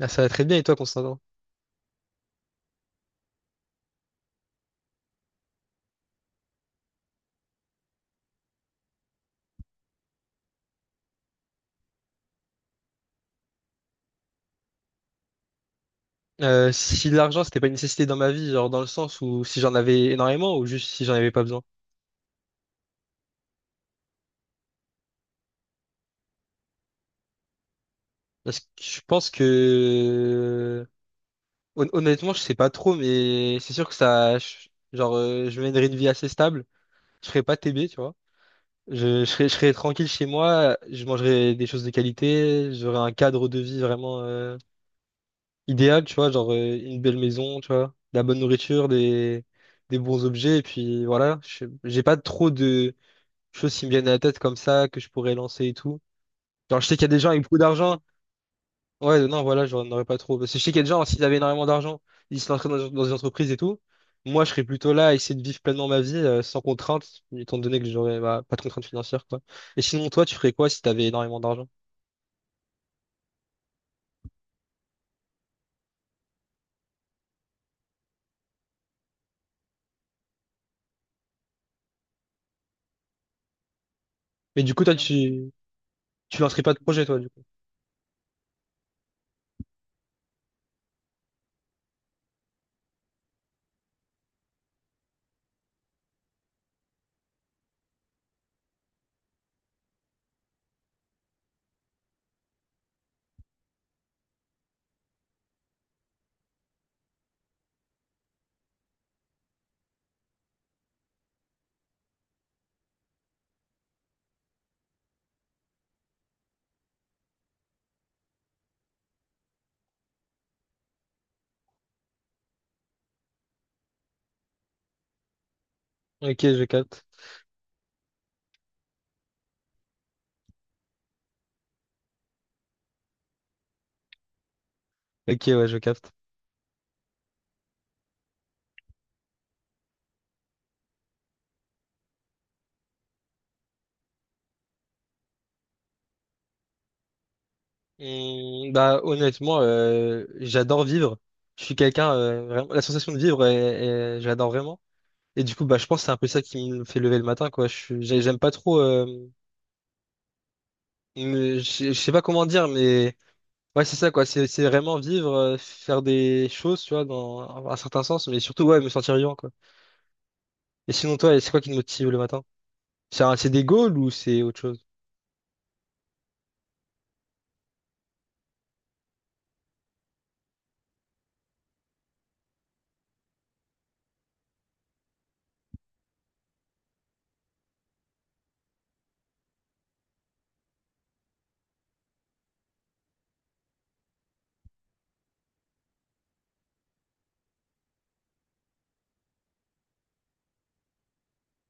Ah, ça va très bien et toi, Constantin? Si l'argent, c'était pas une nécessité dans ma vie, genre dans le sens où si j'en avais énormément ou juste si j'en avais pas besoin. Parce que je pense que honnêtement, je sais pas trop, mais c'est sûr que ça, genre, je mènerais une vie assez stable. Je ferais pas TB, tu vois. Je serais tranquille chez moi. Je mangerais des choses de qualité. J'aurais un cadre de vie vraiment idéal, tu vois, une belle maison, tu vois, de la bonne nourriture, des bons objets. Et puis voilà, j'ai pas trop de choses qui me viennent à la tête comme ça, que je pourrais lancer et tout. Genre, je sais qu'il y a des gens avec beaucoup d'argent. Ouais, non, voilà, j'en aurais pas trop. Parce que je sais qu'il y a des gens, s'ils avaient énormément d'argent, ils se lanceraient dans des entreprises et tout. Moi, je serais plutôt là à essayer de vivre pleinement ma vie, sans contrainte, étant donné que j'aurais bah, pas de contraintes financières, quoi. Et sinon, toi, tu ferais quoi si t'avais énormément d'argent? Mais du coup, tu lancerais pas de projet, toi, du coup. Ok, je capte. Ok, ouais, je capte. Bah, honnêtement, j'adore vivre. Je suis quelqu'un, vraiment, la sensation de vivre, j'adore vraiment. Et du coup, bah, je pense que c'est un peu ça qui me fait lever le matin, quoi. J'aime pas trop. Je sais pas comment dire, mais ouais, c'est ça, quoi. C'est vraiment vivre, faire des choses, tu vois, dans un certain sens, mais surtout, ouais, me sentir vivant, quoi. Et sinon, toi, c'est quoi qui te motive le matin? C'est des goals ou c'est autre chose?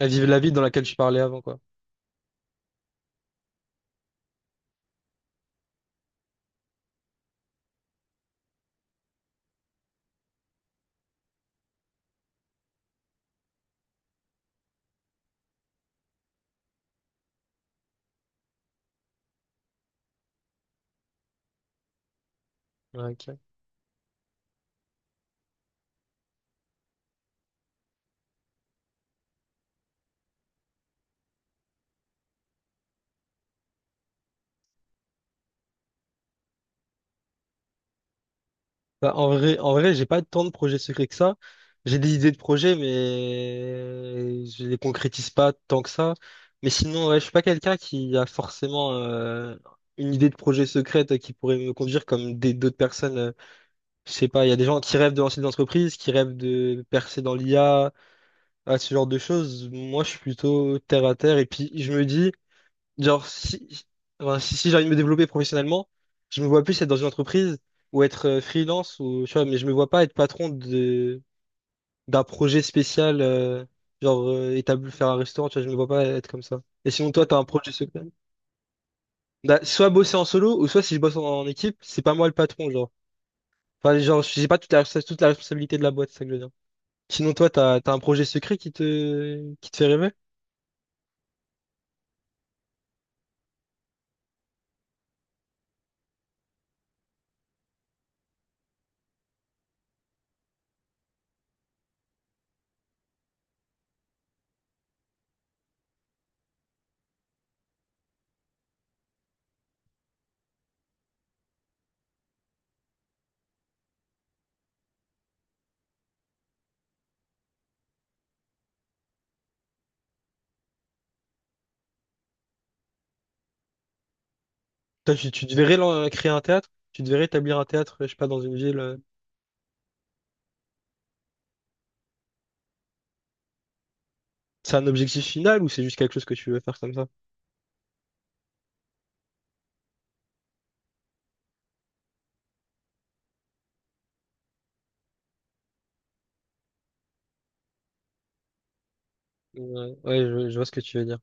À vivre la vie dans laquelle je parlais avant, quoi. Ouais, ok. Bah, en vrai, j'ai pas tant de projets secrets que ça. J'ai des idées de projets, mais je les concrétise pas tant que ça. Mais sinon, ouais, je suis pas quelqu'un qui a forcément une idée de projet secrète qui pourrait me conduire comme des d'autres personnes. Je sais pas, il y a des gens qui rêvent de lancer des entreprises, qui rêvent de percer dans l'IA, à ce genre de choses. Moi, je suis plutôt terre à terre. Et puis, je me dis. Genre, si, enfin, si j'ai envie de me développer professionnellement, je me vois plus être dans une entreprise ou être freelance ou, tu vois, mais je me vois pas être patron d'un projet spécial, faire un restaurant, tu vois, je me vois pas être comme ça. Et sinon, toi, t'as un projet secret? Bah, soit bosser en solo ou soit si je bosse en équipe, c'est pas moi le patron, genre. Enfin, genre, j'ai pas toute la responsabilité de la boîte, c'est ça que je veux dire. Sinon, t'as un projet secret qui te fait rêver? Toi, tu te verrais lan- créer un théâtre? Tu devrais établir un théâtre, je sais pas, dans une ville. C'est un objectif final ou c'est juste quelque chose que tu veux faire comme ça? Ouais, je vois ce que tu veux dire.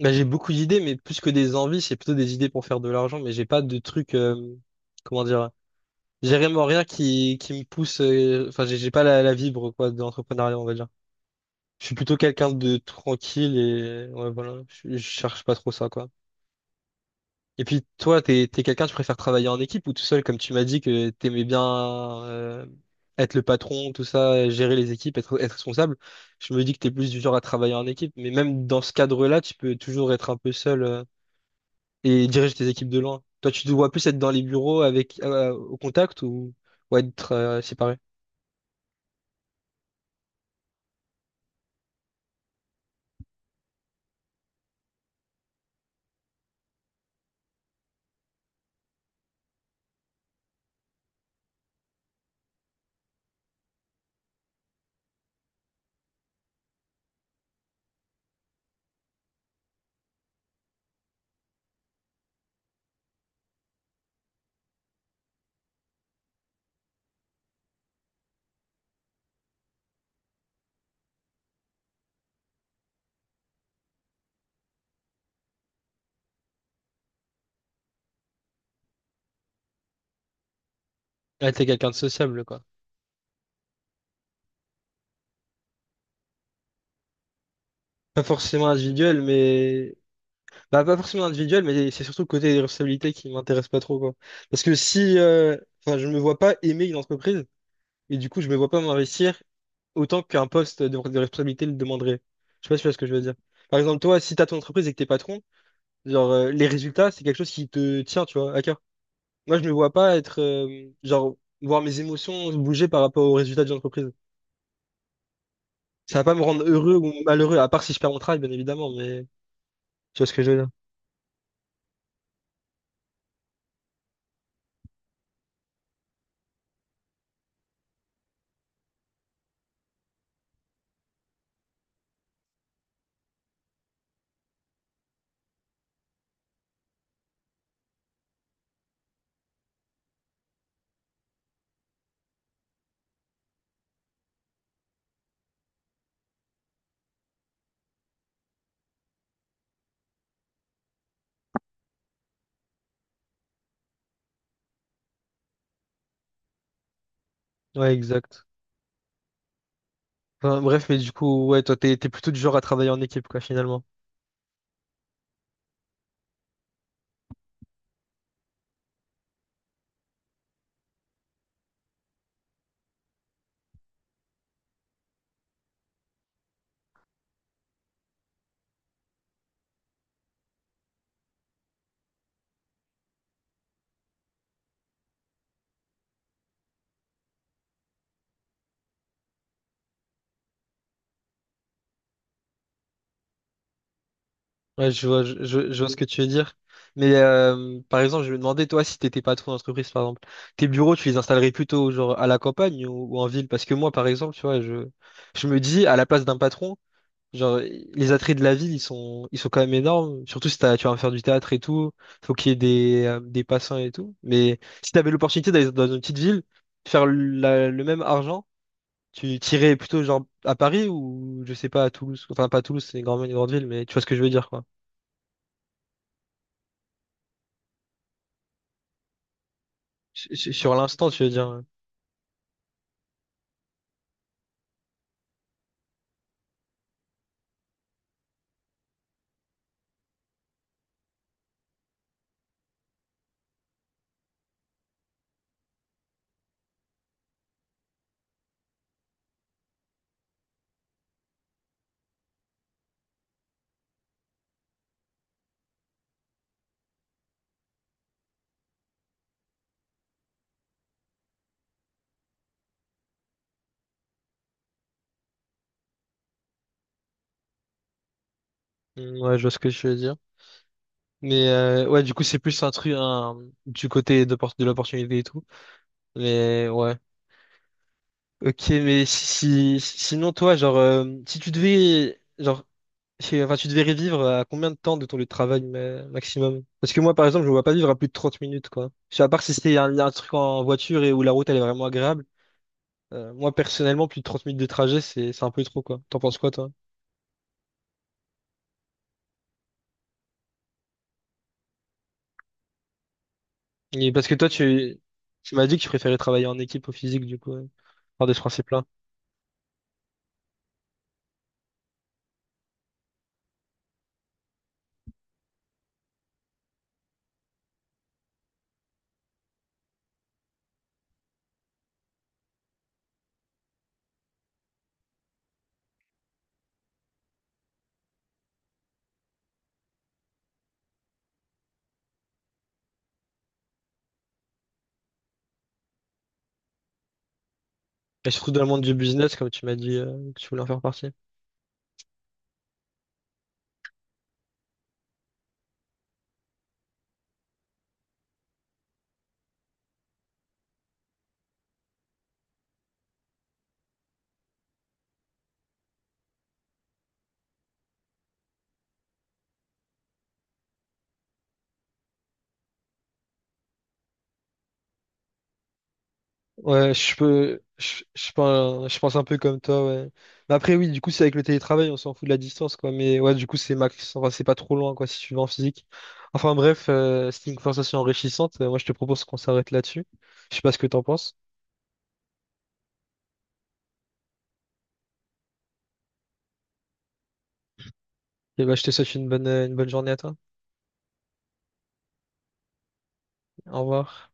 Bah, j'ai beaucoup d'idées, mais plus que des envies, c'est plutôt des idées pour faire de l'argent, mais j'ai pas de truc, comment dire, j'ai vraiment rien qui me pousse, enfin, j'ai pas la vibre, quoi, de l'entrepreneuriat, on va dire. Je suis plutôt quelqu'un de tranquille et, ouais, voilà, je cherche pas trop ça, quoi. Et puis toi, t'es quelqu'un, tu préfères travailler en équipe ou tout seul, comme tu m'as dit que t'aimais bien euh, être le patron, tout ça, gérer les équipes, être responsable. Je me dis que t'es plus du genre à travailler en équipe, mais même dans ce cadre-là, tu peux toujours être un peu seul et diriger tes équipes de loin. Toi, tu te vois plus être dans les bureaux avec au contact ou être séparé. Ouais, t'es quelqu'un de sociable, quoi. Pas forcément individuel, mais bah, pas forcément individuel, mais c'est surtout le côté des responsabilités qui m'intéresse pas trop, quoi. Parce que si, enfin, je me vois pas aimer une entreprise, et du coup, je me vois pas m'investir autant qu'un poste de responsabilité le demanderait. Je sais pas si tu vois ce que je veux dire. Par exemple, toi, si t'as ton entreprise et que t'es patron, genre, les résultats, c'est quelque chose qui te tient, tu vois, à cœur. Moi, je me vois pas être, voir mes émotions bouger par rapport aux résultats d'une entreprise. Ça va pas me rendre heureux ou malheureux, à part si je perds mon travail, bien évidemment, mais tu vois ce que je veux dire. Ouais, exact. Enfin, bref, mais du coup, ouais, toi, t'es plutôt du genre à travailler en équipe, quoi, finalement. Ouais, je vois, je vois ce que tu veux dire. Mais par exemple, je me demandais, toi, si t'étais patron d'entreprise, par exemple, tes bureaux, tu les installerais plutôt genre à la campagne ou en ville? Parce que moi, par exemple, tu vois, je me dis, à la place d'un patron, genre, les attraits de la ville, ils sont quand même énormes. Surtout si t'as, tu vas faire du théâtre et tout, faut qu'il y ait des passants et tout. Mais si t'avais l'opportunité d'aller dans une petite ville, faire le même argent, tu tirais plutôt genre à Paris ou je sais pas à Toulouse. Enfin pas à Toulouse, c'est une grande ville, mais tu vois ce que je veux dire quoi. Sur l'instant, tu veux dire. Ouais, mm, ouais, je vois ce que je veux dire. Mais ouais, du coup, c'est plus un truc, du côté de l'opportunité et tout. Mais ouais. Ok, mais sinon toi, si tu devais genre enfin tu devais revivre à combien de temps de ton lieu de travail maximum? Parce que moi par exemple, je ne vois pas vivre à plus de 30 minutes quoi. Je sais, à part si c'est un truc en voiture et où la route elle est vraiment agréable. Moi, personnellement, plus de 30 minutes de trajet, c'est un peu trop, quoi. T'en penses quoi, toi? Et parce que toi, tu m'as dit que tu préférais travailler en équipe au physique, du coup, par des principes là. Et surtout dans le monde du business, comme tu m'as dit, que tu voulais en faire partie. Ouais, je peux, je pense un peu comme toi, ouais. Mais après, oui, du coup, c'est avec le télétravail, on s'en fout de la distance, quoi. Mais ouais, du coup, c'est max, enfin, c'est pas trop loin, quoi, si tu vas en physique. Enfin, bref, c'était une conversation enrichissante. Moi, je te propose qu'on s'arrête là-dessus. Je sais pas ce que t'en penses. Et bah, je te souhaite une bonne journée à toi. Au revoir.